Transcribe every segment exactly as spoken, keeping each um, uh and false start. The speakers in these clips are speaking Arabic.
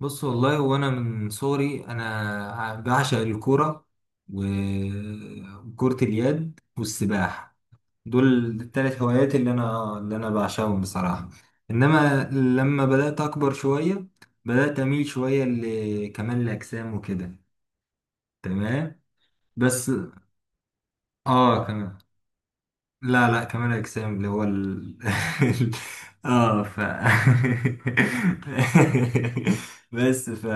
بص والله، وانا من صغري انا بعشق الكوره و- وكرة اليد والسباحه. دول الثلاث هوايات اللي انا اللي انا بعشقهم بصراحه. انما لما بدات اكبر شويه، بدات اميل شويه لكمال الاجسام وكده. تمام. بس اه كمان. لا لا كمال أجسام اللي هو ال... اه ف بس ف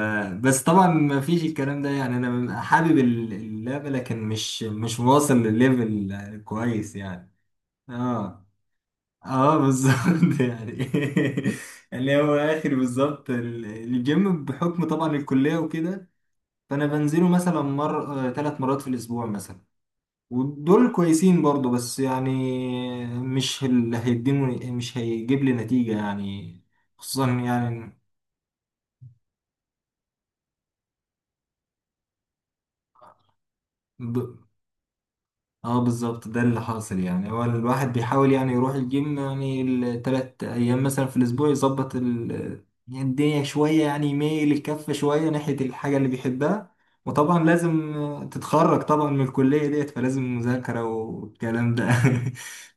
بس طبعا ما فيش الكلام ده، يعني انا ببقى حابب ال- اللعبة، لكن مش مش واصل لليفل كويس يعني. اه اه بالظبط يعني اللي هو اخر بالظبط ال- الجيم بحكم طبعا الكلية وكده. فانا بنزله مثلا مر ثلاث مرات في الاسبوع مثلا. ودول كويسين برضو، بس يعني مش اللي هيديني، مش هيجيب لي نتيجة يعني. خصوصا يعني. اه بالظبط، ده اللي حاصل، يعني هو الواحد بيحاول يعني يروح الجيم يعني التلات ايام مثلا في الاسبوع يظبط ال، يعني الدنيا شوية، يعني يميل الكفة شوية ناحية الحاجة اللي بيحبها. وطبعا لازم تتخرج طبعا من الكلية ديت، فلازم مذاكرة والكلام ده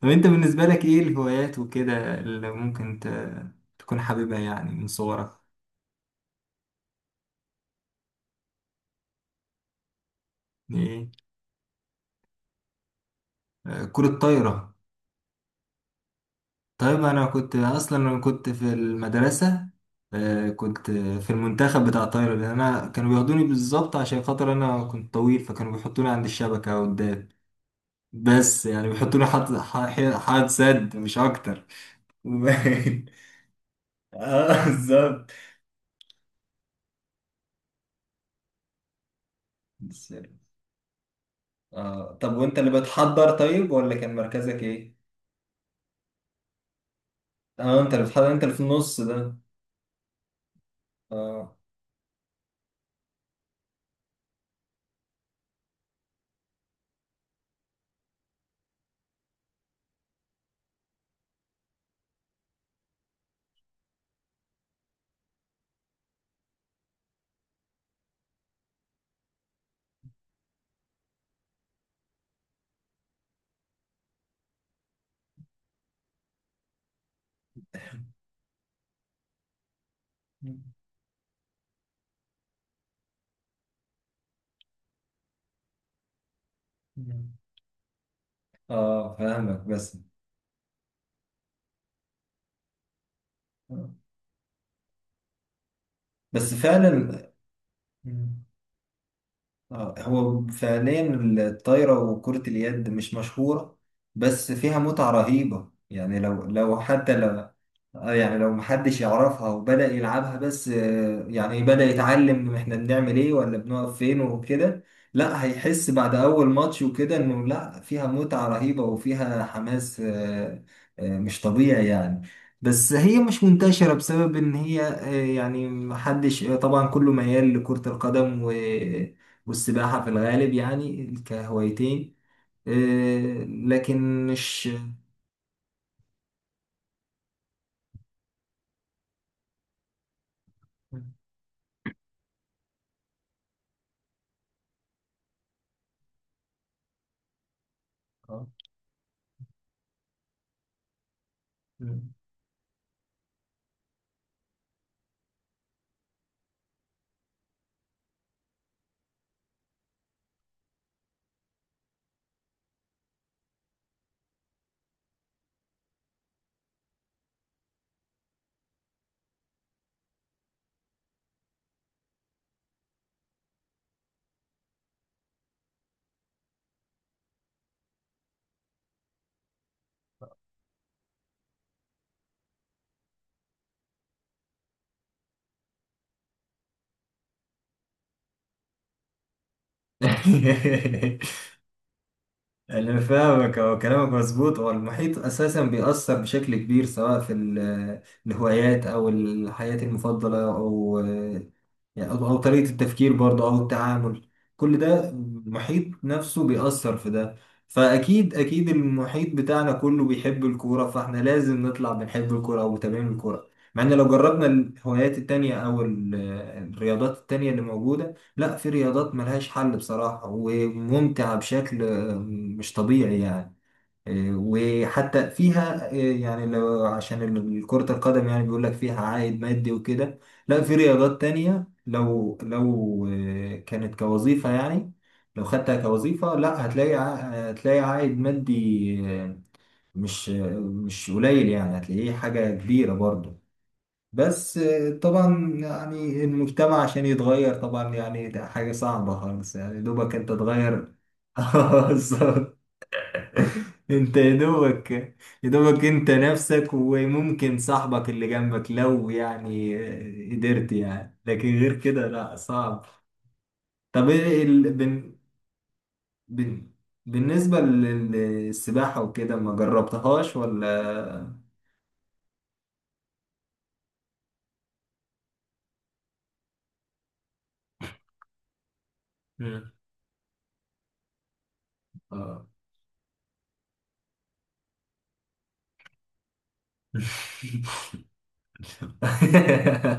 طب انت بالنسبة لك ايه الهوايات وكده اللي ممكن ت- تكون حاببها يعني من صغرك؟ ايه. آه، كرة طايرة. طيب انا كنت اصلا انا كنت في المدرسه. آه، كنت في المنتخب بتاع الطايره، لان انا كانوا بياخدوني بالظبط عشان خاطر انا كنت طويل، فكانوا بيحطوني عند الشبكه قدام. بس يعني بيحطوني حد ح- حد سد مش اكتر. و- اه بالظبط. بس- اه، طب وانت اللي بتحضر، طيب، ولا كان مركزك ايه؟ اه، انت اللي بتحضر، انت اللي في النص ده. اه اه فاهمك، بس. آه. بس فعلا. آه، هو فعليا الطايرة وكرة اليد مش مشهورة، بس فيها متعة رهيبة يعني لو لو حتى لو، آه، يعني لو محدش يعرفها وبدأ يلعبها بس، آه، يعني بدأ يتعلم احنا بنعمل ايه ولا بنقف فين وكده. لا، هيحس بعد أول ماتش وكده انه لا، فيها متعة رهيبة وفيها حماس، آه، آه، مش طبيعي يعني. بس هي مش منتشرة بسبب ان هي، آه، يعني محدش، آه، طبعا كله ميال لكرة القدم و والسباحة في الغالب يعني كهوايتين. آه، لكن مش آه. انا فاهمك. هو كلامك مظبوط. هو المحيط اساسا بيأثر بشكل كبير سواء في ال- الهوايات او الحياة المفضلة او يعني أو أو طريقة التفكير برضه أو التعامل. كل ده المحيط نفسه بيأثر في ده. فأكيد أكيد المحيط بتاعنا كله بيحب الكورة، فإحنا لازم نطلع بنحب الكورة أو متابعين الكورة. مع إن لو جربنا الهوايات التانية أو ال- الرياضات التانية اللي موجودة، لا، في رياضات ملهاش حل بصراحة وممتعة بشكل، آه، مش طبيعي يعني. آه، وحتى فيها، آه، يعني لو عشان ال- كرة القدم يعني بيقول لك فيها عائد مادي وكده، لا، في رياضات تانية لو لو آه، كانت كوظيفة، يعني لو خدتها كوظيفة، لا، هتلاقي ع- هتلاقي عائد مادي، آه، مش آه، مش قليل يعني، هتلاقيه حاجة كبيرة برضه. بس، آه، طبعا يعني المجتمع عشان يتغير طبعا يعني ده حاجة صعبة خالص، يعني دوبك انت تغير. بالظبط. انت يا دوبك، يا دوبك انت نفسك وممكن صاحبك اللي جنبك لو يعني قدرت، يعني لكن غير كده لا، صعب. طب ايه ال... بن... بن... بالنسبة لل- للسباحة وكده، ما جربتهاش ولا؟ مم. اه.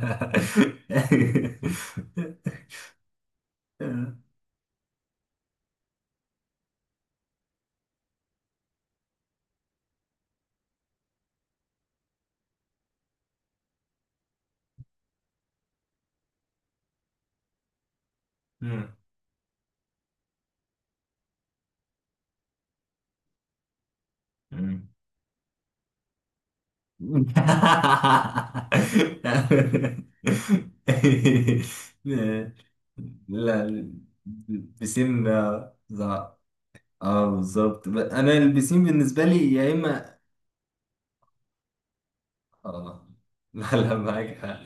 مم. مم. لا لا، البسين ده، ز- اه بالظبط، ب- انا البسين بالنسبه لي يا اما، اه. لا لا، معاك حق.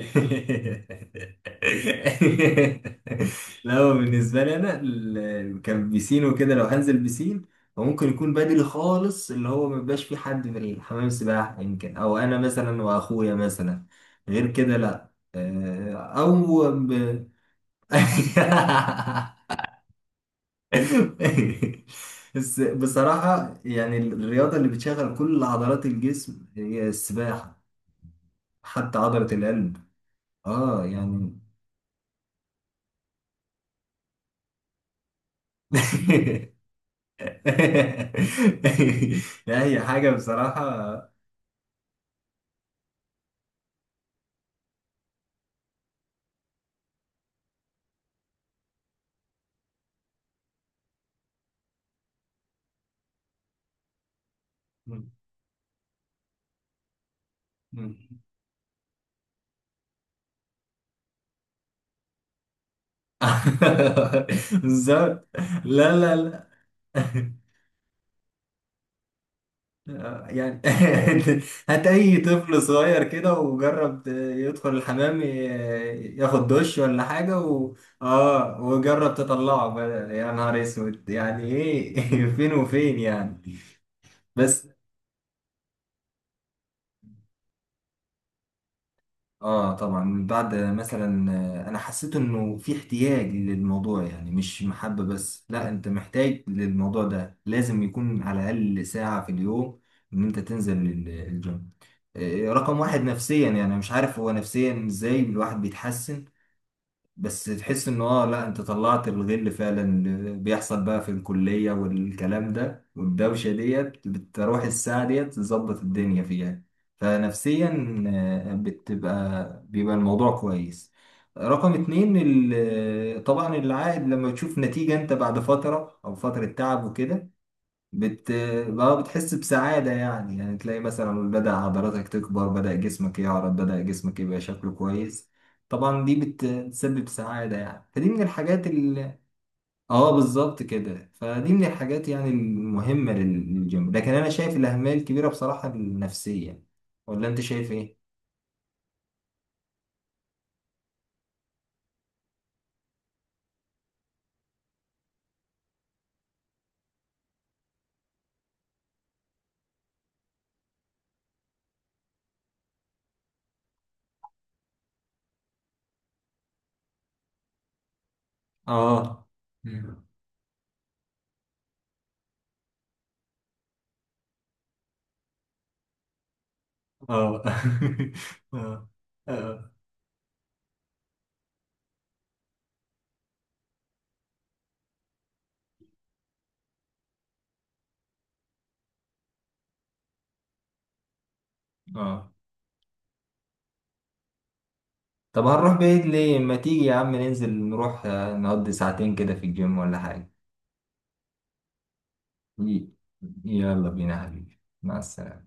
لا، هو بالنسبة لي أنا ال- كان بيسين وكده، لو هنزل بيسين فممكن يكون بدري خالص، اللي هو ما بيبقاش فيه حد في حمام السباحة، يمكن أو أنا مثلا وأخويا مثلا. غير كده لا. آه، أو ب... بس بصراحة يعني الرياضة اللي بتشغل كل عضلات الجسم هي السباحة، حتى عضلة القلب. اه يعني. لا، هي حاجة بصراحة. بالظبط. لا لا لا، آه، يعني. هات أي طفل صغير كده وجرب ت- يدخل الحمام، ي- ياخد دش ولا حاجة و... اه، وجرب تطلعه، بدل، يا نهار اسود، يعني ايه، فين وفين يعني. بس اه طبعا بعد مثلا، آه، انا حسيت انه في احتياج للموضوع، يعني مش محبة بس، لا، انت محتاج للموضوع ده، لازم يكون على الاقل ساعة في اليوم ان انت تنزل ال- الجيم. آه، رقم واحد نفسيا، يعني أنا مش عارف هو نفسيا ازاي الواحد بيتحسن، بس تحس ان اه، لا، انت طلعت الغل فعلا، اللي بيحصل بقى في الكلية والكلام ده والدوشة ديت بتروح الساعة ديت، تظبط الدنيا فيها. فنفسيا، آه، بتبقى بيبقى الموضوع كويس. رقم اتنين ال- آه، طبعا العائد لما تشوف نتيجة انت بعد فترة او فترة تعب وكده، بت بقى بتحس بسعادة يعني، يعني تلاقي مثلا بدأ عضلاتك تكبر، بدأ جسمك يعرض، بدأ جسمك يبقى شكله كويس. طبعا دي بت- بتسبب سعادة يعني، فدي من الحاجات ال اه بالظبط كده، فدي من الحاجات يعني المهمة لل- للجيم، لكن أنا شايف الأهمية الكبيرة بصراحة النفسية، ولا أنت شايف إيه؟ اه اه اه اه آه. طب هنروح بعيد ليه؟ ما تيجي يا عم ننزل، نروح، آه، نقضي ساعتين كده في الجيم ولا حاجة. يلا بينا يا حبيبي، مع السلامة.